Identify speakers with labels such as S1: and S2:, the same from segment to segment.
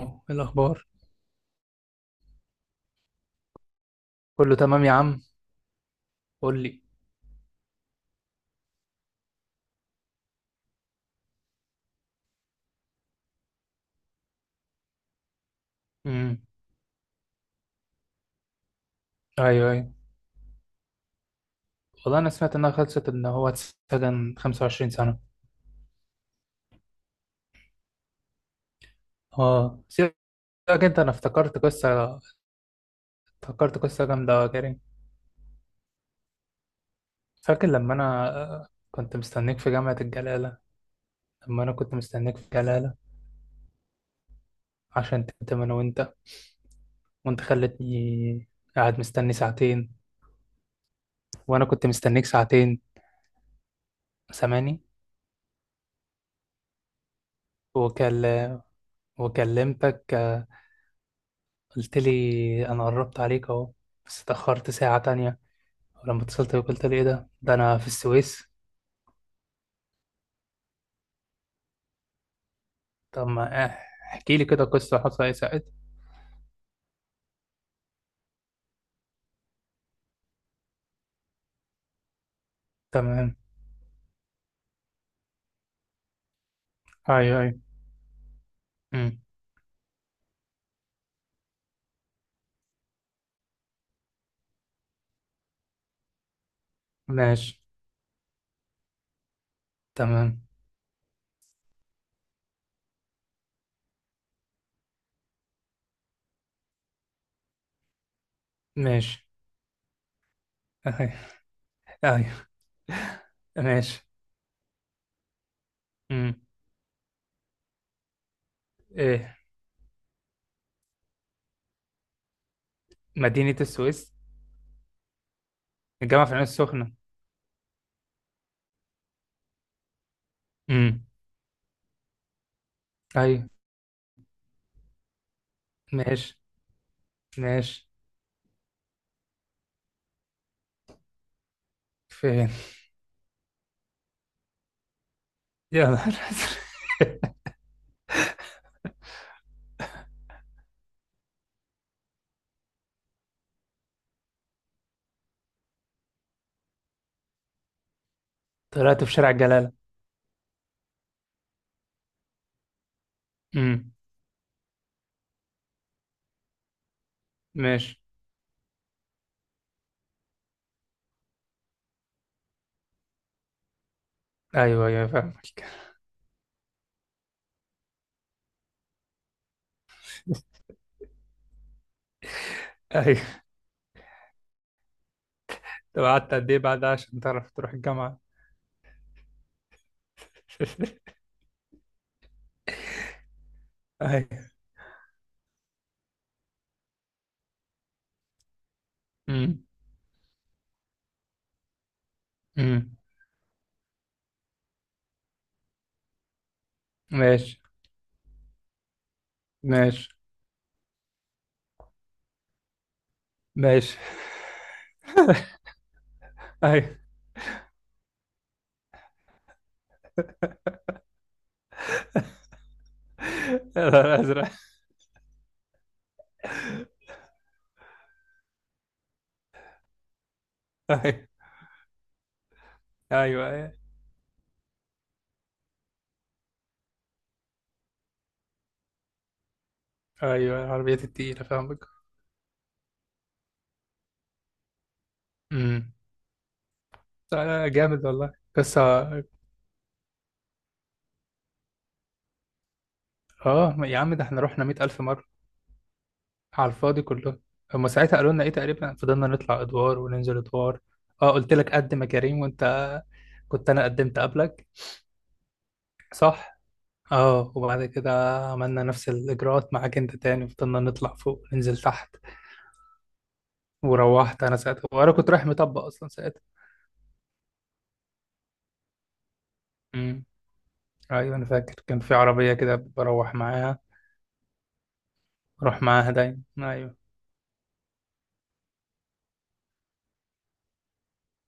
S1: إيه الأخبار؟ كله تمام يا عم. قول لي. امم. أيوه، أيوه. والله أنا سمعت إنها خلصت إن هو اتسجن 25 سنة. أه، سيبك. أنا افتكرت قصة. افتكرت قصة جامدة يا كريم. فاكر لما أنا كنت مستنيك في جامعة الجلالة؟ لما أنا كنت مستنيك في الجلالة. عشان تتم أنا وأنت. وأنت خلتني قاعد مستني ساعتين. وأنا كنت مستنيك ساعتين. سامعني؟ وكل... وكلمتك، قلت لي أنا قربت عليك أهو. بس اتأخرت ساعة تانية. لما اتصلت بيك قلت لي ايه ده، انا في السويس. طب ما احكي لي كده قصة حصل ايه ساعتها. تمام. ايوه، ايوه. امم. ماشي. تمام. ماشي. ايوه، ايوه. ماشي. امم. ايه؟ مدينة السويس؟ الجامعة في العين السخنة. امم. ايوه. ماشي. ماشي. فين؟ يا نهار أزرق. طلعت في شارع الجلالة. امم. ماشي. ايوه، ايوه، أيوه، فاهمك. ايوه. طب قعدت قد ايه بعد عشان تعرف تروح الجامعة؟ ايوه. امم. ماشي. ماشي. ماشي. ايوه، الازرق. ايوه، ايوه، ايوه، العربيات التقيلة فاهمك. امم. آه، جامد والله، بس اه آه، يا عم ده احنا رحنا 100,000 مرة على الفاضي كله. هما ساعتها قالوا لنا ايه تقريبا؟ فضلنا نطلع ادوار وننزل ادوار. اه، قلت لك قدم يا كريم وانت كنت انا قدمت قبلك، صح. اه، وبعد كده عملنا نفس الاجراءات معاك انت تاني. فضلنا نطلع فوق وننزل تحت. وروحت انا ساعتها وانا كنت رايح مطبق اصلا ساعتها. امم. ايوه، انا فاكر كان في عربيه كده بروح معاها. بروح معاها دايما، ايوه.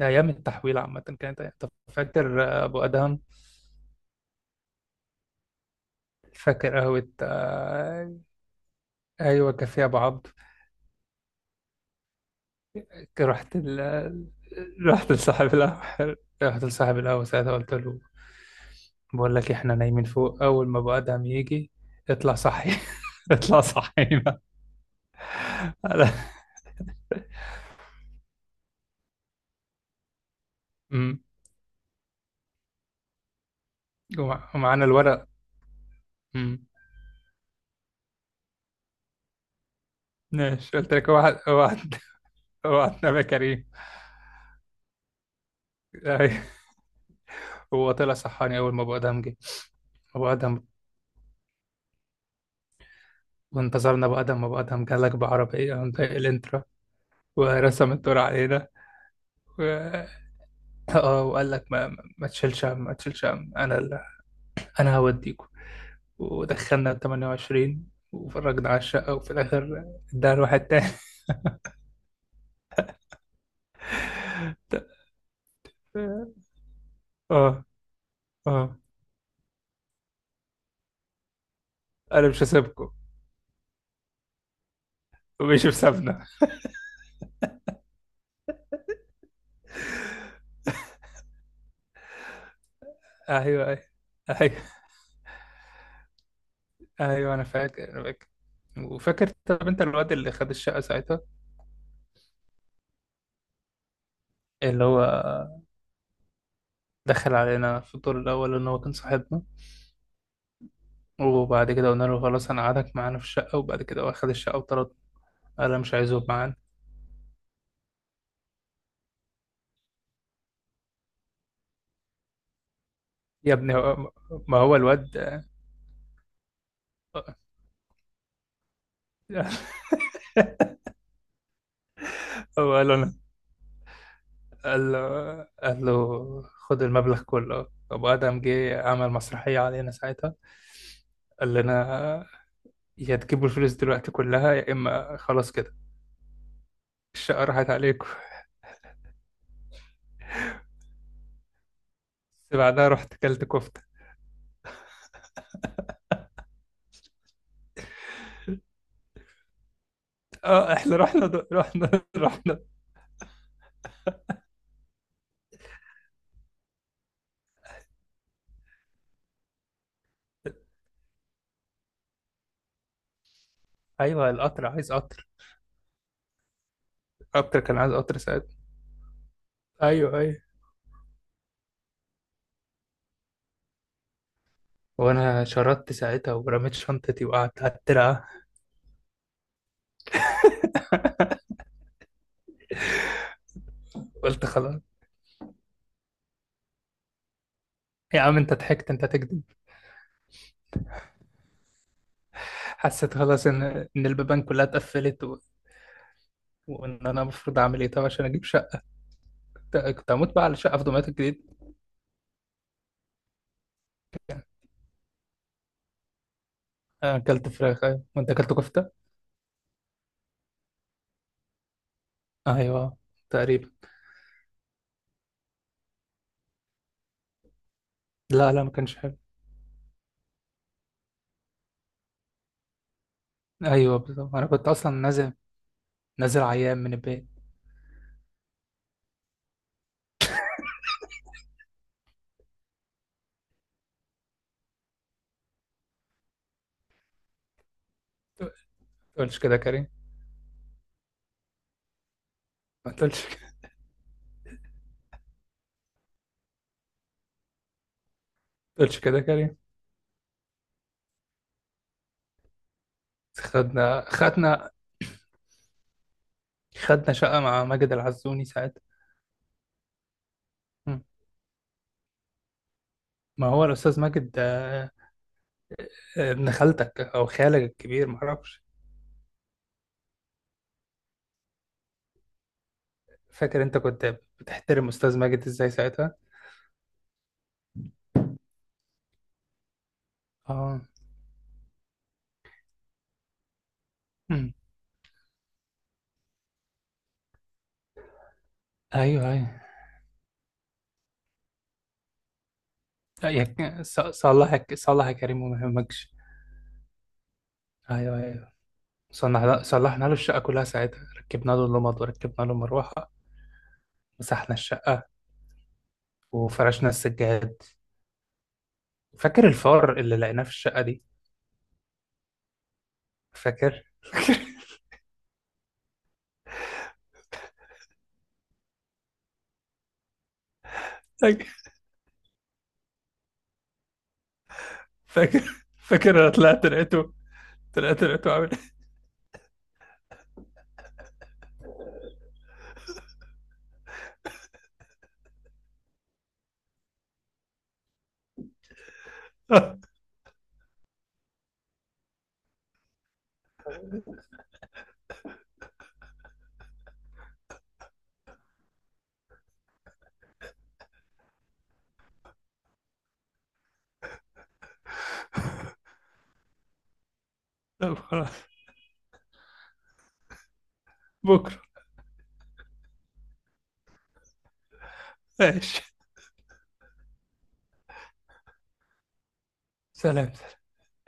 S1: ده ايام التحويل عامه طب فاكر ابو ادهم؟ فاكر قهوه. ايوه، كافيه ابو عبد. فاكر؟ رحت لصاحب القهوه. رحت لصاحب القهوه ساعتها قلت له: بقول لك احنا نايمين فوق، اول ما ابو ادهم يجي اطلع صحي. اطلع صحينا. أنا- أمم. ومعانا الورق. ماشي. قلت لك اوعى، اوعى، اوعى تنام يا كريم. أيوة. هو طلع صحاني اول ما ابو ادهم جه. ابو ادهم. وانتظرنا ابو ادهم. ابو ادهم جالك بعربيه عند الانترا، ورسم الدور علينا. و... اه، وقال لك ما تشيلش هم، ما تشيلش هم. انا هوديكوا. ودخلنا 28 وفرجنا على الشقه وفي الاخر اداها لواحد تاني. اه، اه، انا مش هسيبكم. ومش بسابنا. ايوه، ايوه، أيوة. ايوه، انا فاكر انا فاكر. وفاكر؟ طب انت الواد اللي خد الشقه ساعتها، اللي هو دخل علينا في الدور الاول ان هو كان صاحبنا. وبعد كده قلنا له خلاص انا قعدك معانا في الشقه، وبعد كده هو خد الشقه وطرد. قال انا مش عايزه يبقى معانا. يا ابني، ما هو الواد هو قال له انا قال له قال له خد المبلغ كله. ابو ادم جه عمل مسرحيه علينا ساعتها. قال لنا: يا تجيبوا الفلوس دلوقتي كلها يا اما خلاص كده، الشقه راحت عليكم. بس بعدها رحت كلت كفتة. اه، احنا رحنا رحنا رحنا. ايوه، القطر عايز قطر. القطر كان عايز قطر ساعتها. ايوه، ايوه. وانا شردت ساعتها ورميت شنطتي وقعدت على الترعة. قلت خلاص. يا عم انت ضحكت، انت تكذب. حسيت خلاص ان البيبان كلها اتقفلت وان انا المفروض اعمل ايه طب عشان اجيب شقه. كنت هموت بقى على شقه في دمياط الجديد. انا اكلت فراخ، ايوه، وانت اكلت كفته. ايوه، تقريبا. لا، لا، ما كانش حلو. ايوه، بالظبط انا كنت اصلا نازل. نازل عيان من البيت. تقولش كده كريم؟ ما تقولش كده- ما تقولش كده كريم. خدنا خدنا خدنا شقة مع ماجد العزوني ساعتها. مم. ما هو الأستاذ ماجد. آه، ابن خالتك أو خالك الكبير معرفش. فاكر أنت كنت بتحترم أستاذ ماجد إزاي ساعتها؟ آه. مم. أيوه، أيوه. صلحك صلح يا كريم وما يهمكش. أيوه، أيوه. صلحنا له الشقة كلها ساعتها، ركبنا له اللمض وركبنا له مروحة. مسحنا الشقة وفرشنا السجاد. فاكر الفار اللي لقيناه في الشقة دي؟ فاكر؟ فاكر؟ فاكر انا طلعت لقيته. طلعت لقيته عامل إيه؟ طب خلاص. بكره. ماشي. سلام.